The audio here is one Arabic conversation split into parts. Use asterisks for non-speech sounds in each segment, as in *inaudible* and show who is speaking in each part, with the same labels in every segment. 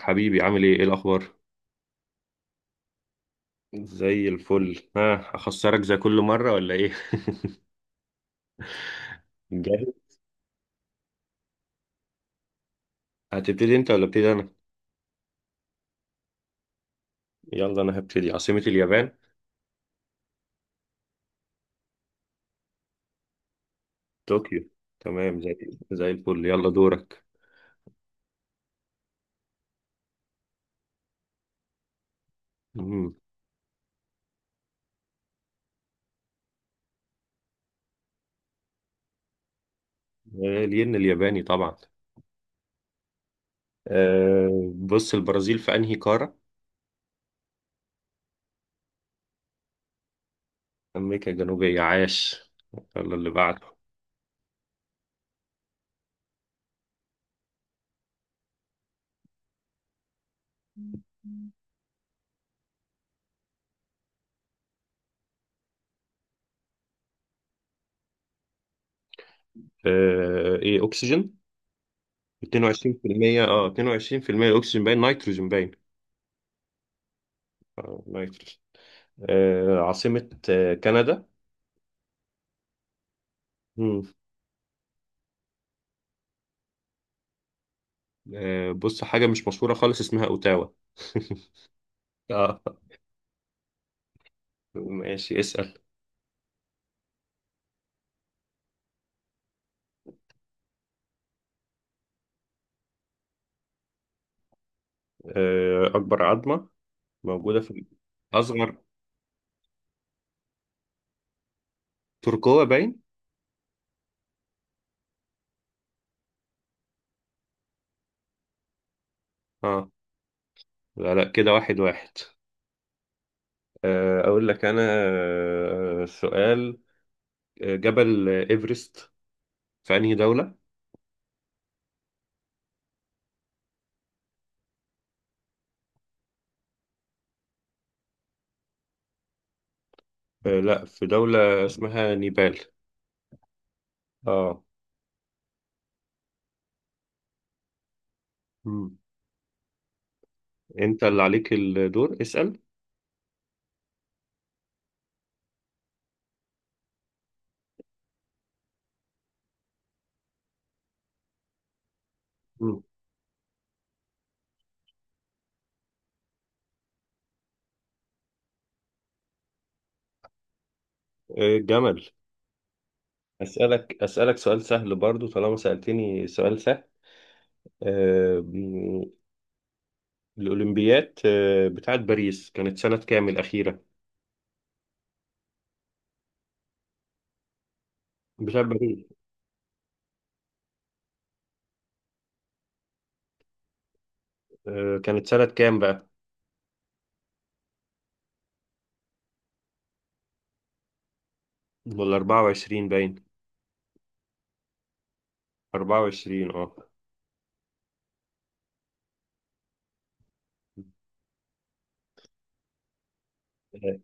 Speaker 1: حبيبي، عامل ايه؟ ايه الاخبار؟ زي الفل. ها، اخسرك زي كل مره ولا ايه؟ *laughs* جاهز. هتبتدي انت ولا ابتدي انا؟ يلا، انا هبتدي. عاصمه اليابان؟ طوكيو. تمام، زي الفل. يلا دورك. مم. الين الياباني طبعا. بص، البرازيل في انهي قاره؟ امريكا الجنوبيه، عاش. يلا اللي بعده. ايه، اكسجين؟ 22%. اه، 22%. اكسجين باين، نيتروجين باين. نيتروجين. عاصمة كندا؟ مم. بص، حاجة مش مشهورة خالص، اسمها أوتاوا. *laughs* اه، ماشي، اسأل. أكبر عظمة موجودة في أصغر. تركوة باين. اه، لا لا، كده واحد واحد. أقول لك أنا. سؤال. جبل إيفرست في أنهي دولة؟ لا، في دولة اسمها نيبال. اه. مم. أنت اللي عليك الدور، اسأل. مم. جمل. أسألك سؤال سهل برضو، طالما سألتني سؤال سهل. آه، الأولمبيات بتاعت باريس، كانت سنة كام الأخيرة؟ بتاعت باريس. كانت سنة كام بقى؟ ولا 24 باين. 24، اه. آه،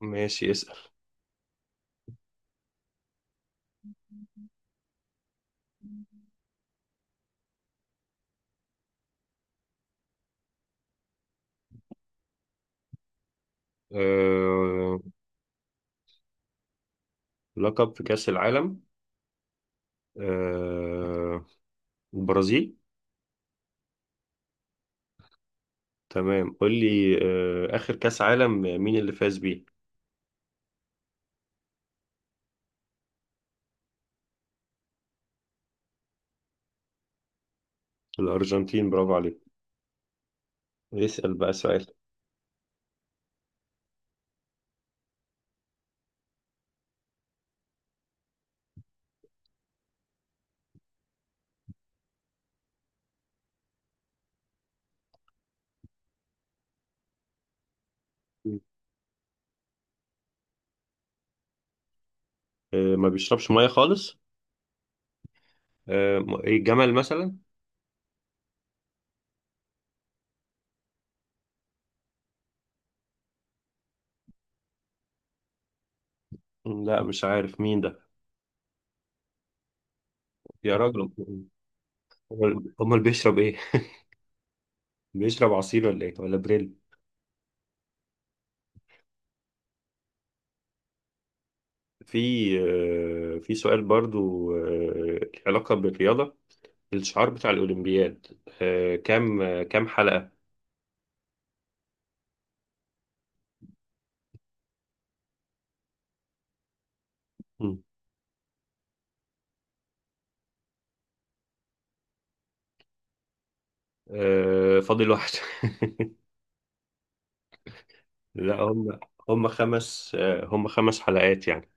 Speaker 1: ماشي، اسأل. آه، لقب في كأس العالم. آه، البرازيل. تمام، قول لي. آخر كأس عالم مين اللي فاز بيه؟ الأرجنتين، برافو عليك. اسأل بقى سؤال. ما بيشربش مية خالص. إيه، جمل مثلا؟ لا، مش عارف مين ده. يا راجل. أمال بيشرب ايه؟ *laughs* بيشرب عصير ولا ايه ولا بريل؟ في. في سؤال برضو، له علاقة بالرياضة. الشعار بتاع الأولمبياد، كام حلقة؟ مم. فاضل واحد. *laughs* لا، هم. هم خمس آه، هم خمس حلقات يعني.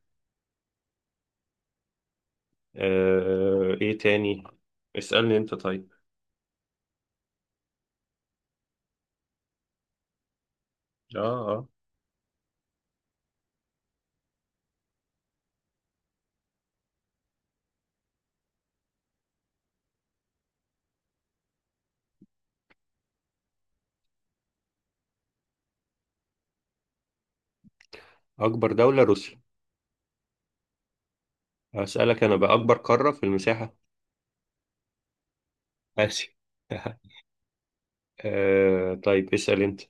Speaker 1: ايه تاني؟ اسألني انت طيب. اه اه. اكبر دولة روسيا. اسألك انا بقى، اكبر قارة في المساحة؟ آسيا. *laughs* طيب، اسأل انت.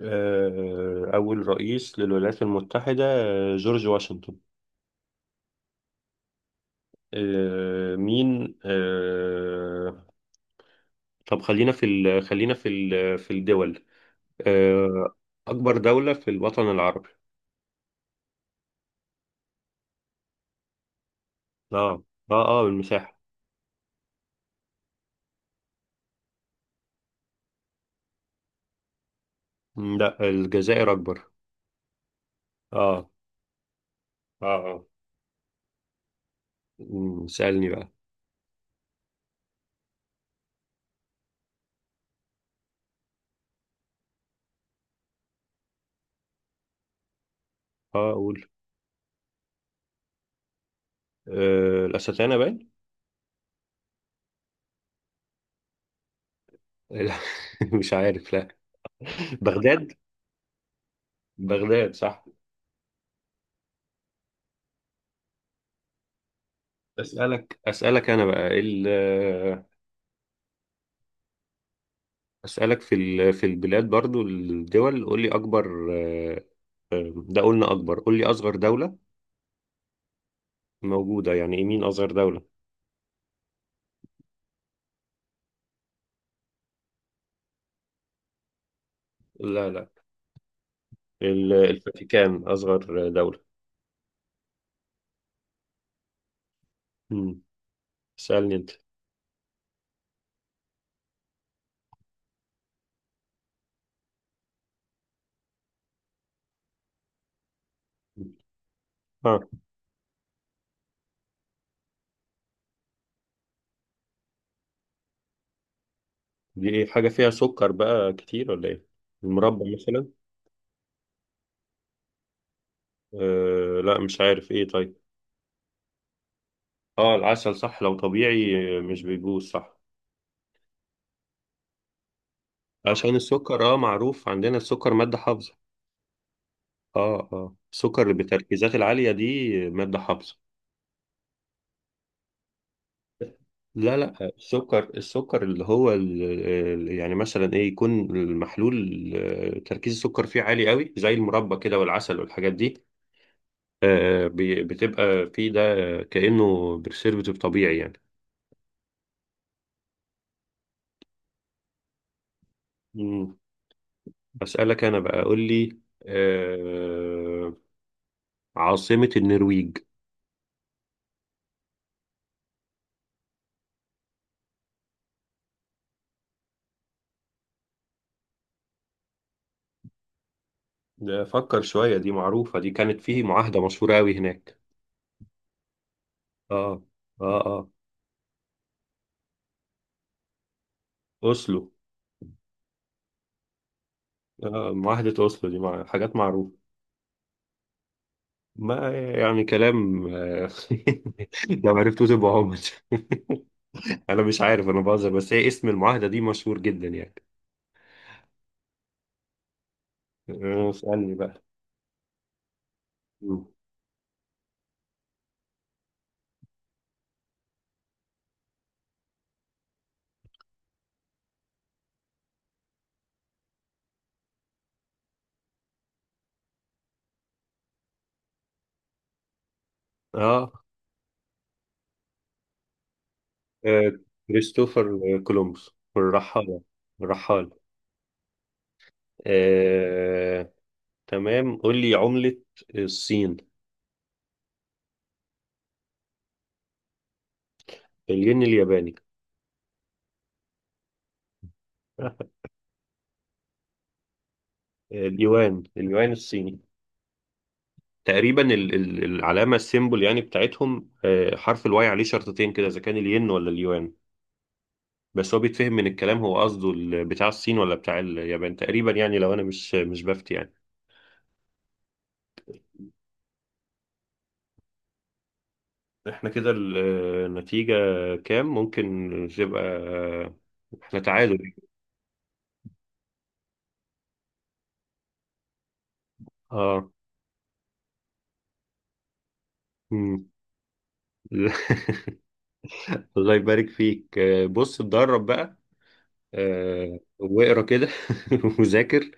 Speaker 1: أول رئيس للولايات المتحدة، جورج واشنطن. آه، مين آه، طب خلينا في في الدول. آه، أكبر دولة في الوطن العربي. اه اه اه، بالمساحة. م، لا، الجزائر أكبر. اه اه اه. م، سألني بقى. اه، أقول. الأستانة باين. لا. *laughs* مش عارف، لا. بغداد. بغداد، صح. أسألك أنا بقى أسألك في في البلاد برضو الدول، قول لي أكبر. ده قلنا أكبر، قول لي أصغر دولة موجودة. يعني إيه مين أصغر دولة؟ لا لا، الفاتيكان أصغر دولة. مم. اسألني أنت. اه، دي إيه؟ حاجة فيها سكر بقى كتير ولا إيه؟ المربى مثلا. آه، لا، مش عارف إيه طيب. اه، العسل، صح. لو طبيعي مش بيبوظ، صح. عشان السكر، معروف عندنا السكر مادة حافظة. اه اه، السكر بالتركيزات العالية دي مادة حافظة. لا لا، السكر اللي هو يعني مثلا ايه يكون المحلول، تركيز السكر فيه عالي قوي، زي المربى كده والعسل والحاجات دي. بتبقى فيه ده، كأنه برسيرفيتيف طبيعي يعني. مم. أسألك انا بقى، قول لي آه، عاصمة النرويج. ده فكر شوية، دي معروفة، دي كانت فيه معاهدة مشهورة قوي هناك. اه اه اه. أوسلو. آه، معاهدة أوسلو دي مع... حاجات معروفة. ما يعني كلام. *laughs* لو عرفتوه تبقى عمر. انا مش عارف، انا بهزر، بس هي اسم المعاهده دي مشهور جدا يعني. اسالني بقى. مم. اه. آه، كريستوفر كولومبوس الرحاله. الرحال. آه، تمام، قول لي عمله الصين. الين الياباني. آه، اليوان، اليوان الصيني. تقريبا العلامه، السيمبل يعني بتاعتهم، حرف الواي عليه شرطتين كده، اذا كان الين ولا اليوان. بس هو بيتفهم من الكلام، هو قصده ال- بتاع الصين ولا بتاع اليابان تقريبا يعني، لو انا مش بفتي يعني. احنا كده النتيجة كام ممكن تبقى؟ احنا تعادل. اه. مم. *laughs* الله يبارك فيك. بص، اتدرب بقى واقرا كده *laughs* وذاكر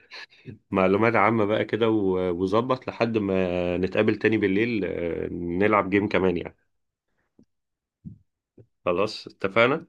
Speaker 1: معلومات عامة بقى كده، وظبط لحد ما نتقابل تاني بالليل، نلعب جيم كمان يعني. خلاص، اتفقنا.